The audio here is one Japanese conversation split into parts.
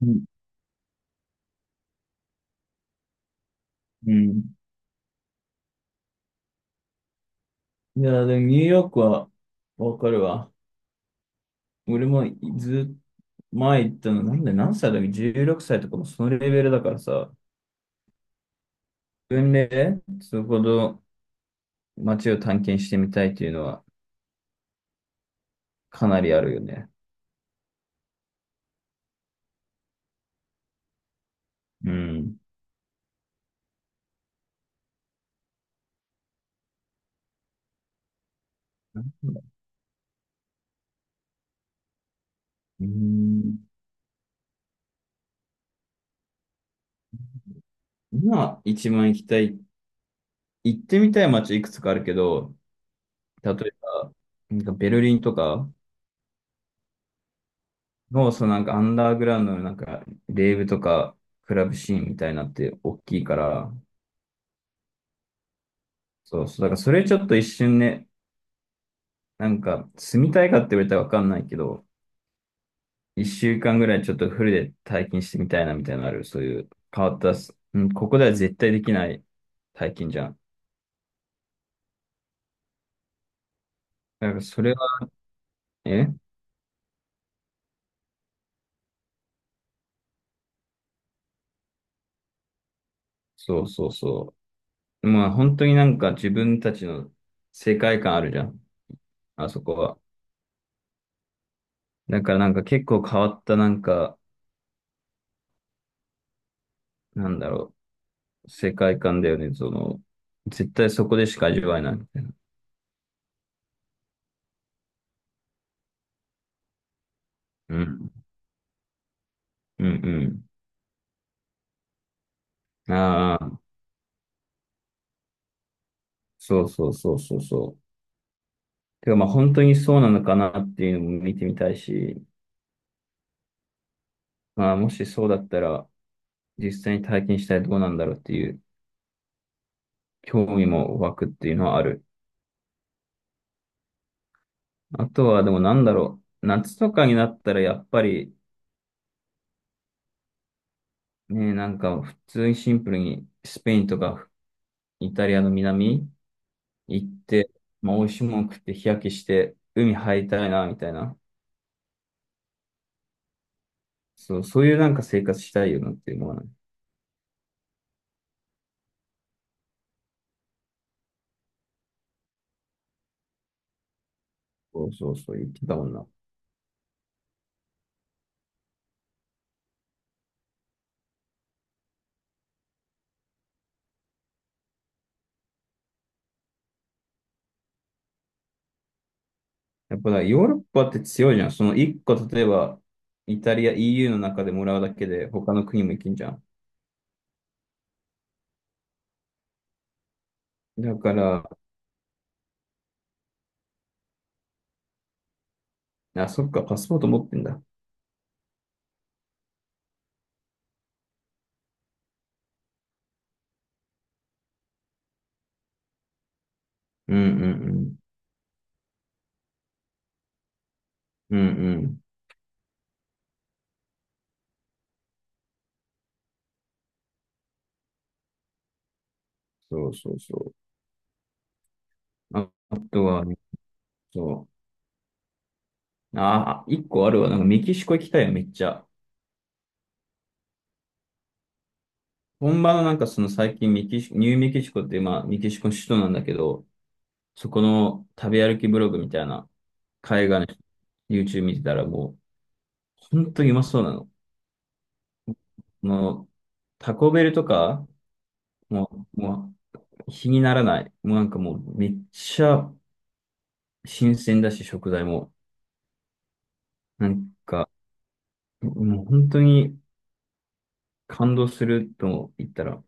うん。うんいや、でもニューヨークはわかるわ。俺もずっ前行ったの、なんで何歳だっけ？ 16 歳とかもそのレベルだからさ、分類でそこの街を探検してみたいっていうのはかなりあるよね。うん。うん。今、一番行きたい、行ってみたい街いくつかあるけど、例えば、なんかベルリンとかの、そのなんかアンダーグラウンドのなんか、レーブとか、クラブシーンみたいなって大きいから、そうそう。だからそれちょっと一瞬ね、なんか住みたいかって言われたらわかんないけど、一週間ぐらいちょっとフルで体験してみたいなみたいなのある。そういう変わったす、うん、ここでは絶対できない体験じゃん。だからそれはね、そうそうそう。まあ本当になんか自分たちの世界観あるじゃん。あそこは。だからなんか結構変わったなんか、なんだろう、世界観だよね。その、絶対そこでしか味わえないみたいな。うん。うんうん。ああ。そうそうそうそうそう。てかまあ本当にそうなのかなっていうのも見てみたいし、まあもしそうだったら実際に体験したらどうなんだろうっていう興味も湧くっていうのはある。あとはでもなんだろう。夏とかになったらやっぱりね、なんか普通にシンプルにスペインとかイタリアの南行って、まあ美味しいもの食って日焼けして海入りたいなみたいな。そう、そういうなんか生活したいよなっていうのはね、そうそうそう言ってたもんな。やっぱだ、ヨーロッパって強いじゃん。その一個、例えば、イタリア、EU の中でもらうだけで、他の国も行けんじゃん。だから、あ、そっか、パスポート持ってんだ。うんうんうん。うんうん。そうそうそう。あ、あとは、ね、そう。あ、あ一個あるわ。なんかメキシコ行きたいよ、めっちゃ。本場のなんかその最近メキシ、ニューメキシコって、まあ、メキシコの首都なんだけど、そこの食べ歩きブログみたいな、海外の YouTube 見てたらもう、本当にうまそうなの。もう、タコベルとか、もう、もう、比にならない。もうなんかもう、めっちゃ新鮮だし、食材も。なんか、もう本当に感動すると言ったら、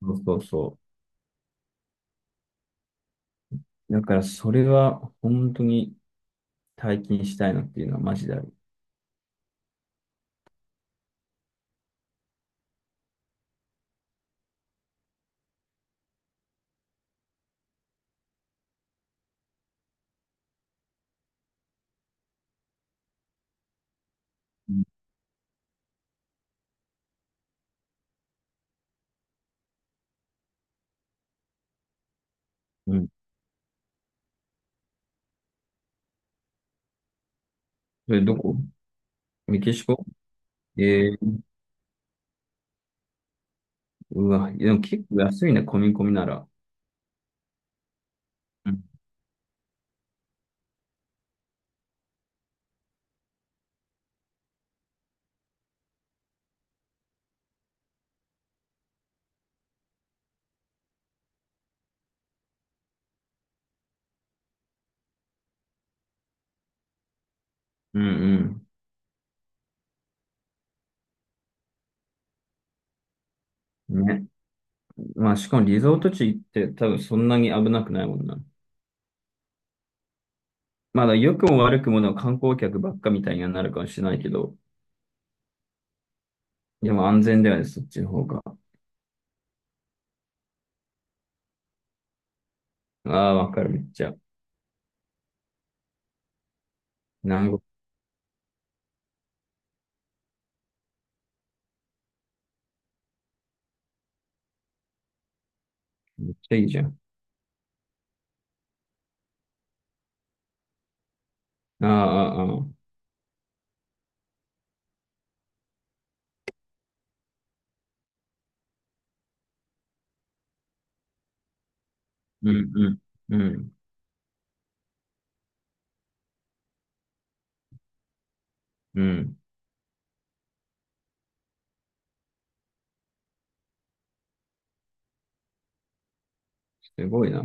そうそうそう。だから、それは本当に体験したいなっていうのはマジである。うん。それどこメキシコえー、うわ、でも結構安いね、込み込みなら。うんうんうん。ね。まあ、しかもリゾート地行って多分そんなに危なくないもんな。まだ良くも悪くもの観光客ばっかみたいにはなるかもしれないけど、でも安全だよね、そっちの方が。ああ、わかる、めっちゃ。南国、めっちゃいいじゃん。ああ、ああ、ああ。うんうん、うん、うん。すごいな。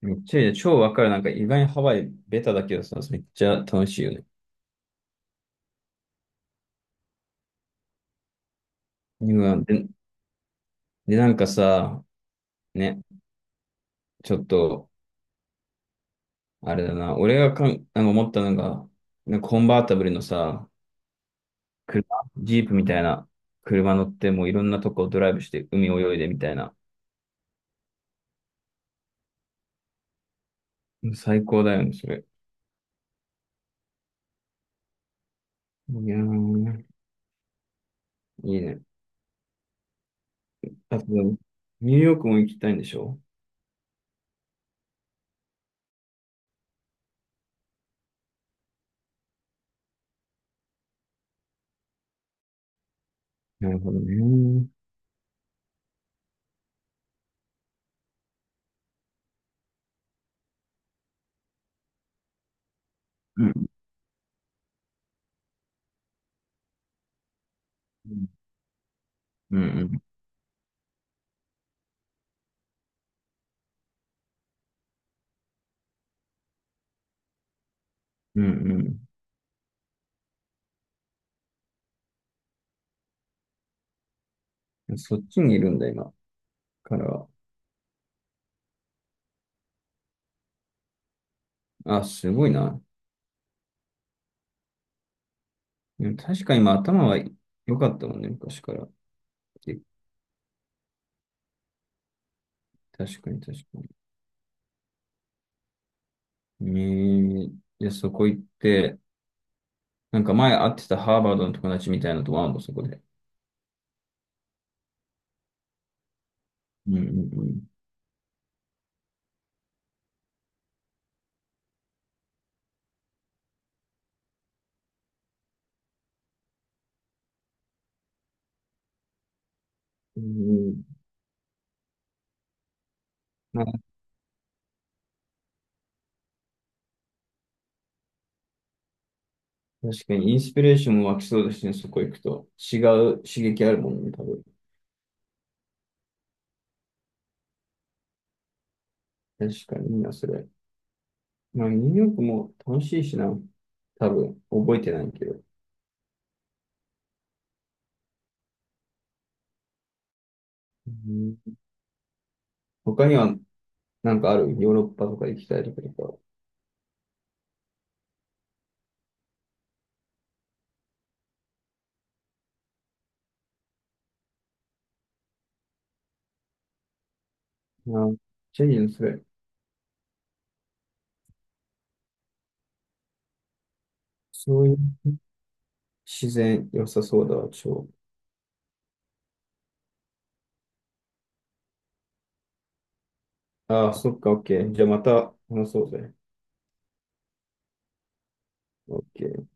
めっちゃいいね。超わかる。なんか意外にハワイベタだけどさ、めっちゃ楽しいよね。うわで、で、なんかさ、ね、ちょっと、あれだな。俺がかん、なんか思ったのが、なんかコンバータブルのさ、車、ジープみたいな車乗ってもういろんなとこドライブして海泳いでみたいな。最高だよね、それ。いやー、いいね。あと、ニューヨークも行きたいんでしょ。なるほどね。うんうんうん。うんうん。そっちにいるんだ、今からは。あ、すごいな。でも確かに今頭は良かったもんね、昔から。で確かに確かに。えー、じゃあそこ行って、なんか前会ってたハーバードの友達みたいなとこあるの、そこで。うんうんうん。うん。まあ、確かに、インスピレーションも湧きそうですね、そこ行くと。違う刺激あるもんね、多分。確かにいいな、それ。まあ、ニューヨークも楽しいしな。多分、覚えてないけど。うん、他には、なんかあるヨーロッパとか行きたいとかとか。まあ、チェリーのそれ。そういう自然良さそうだわ、超。ああ、そっか、オッケー。じゃあまた話そうぜ。オッケー。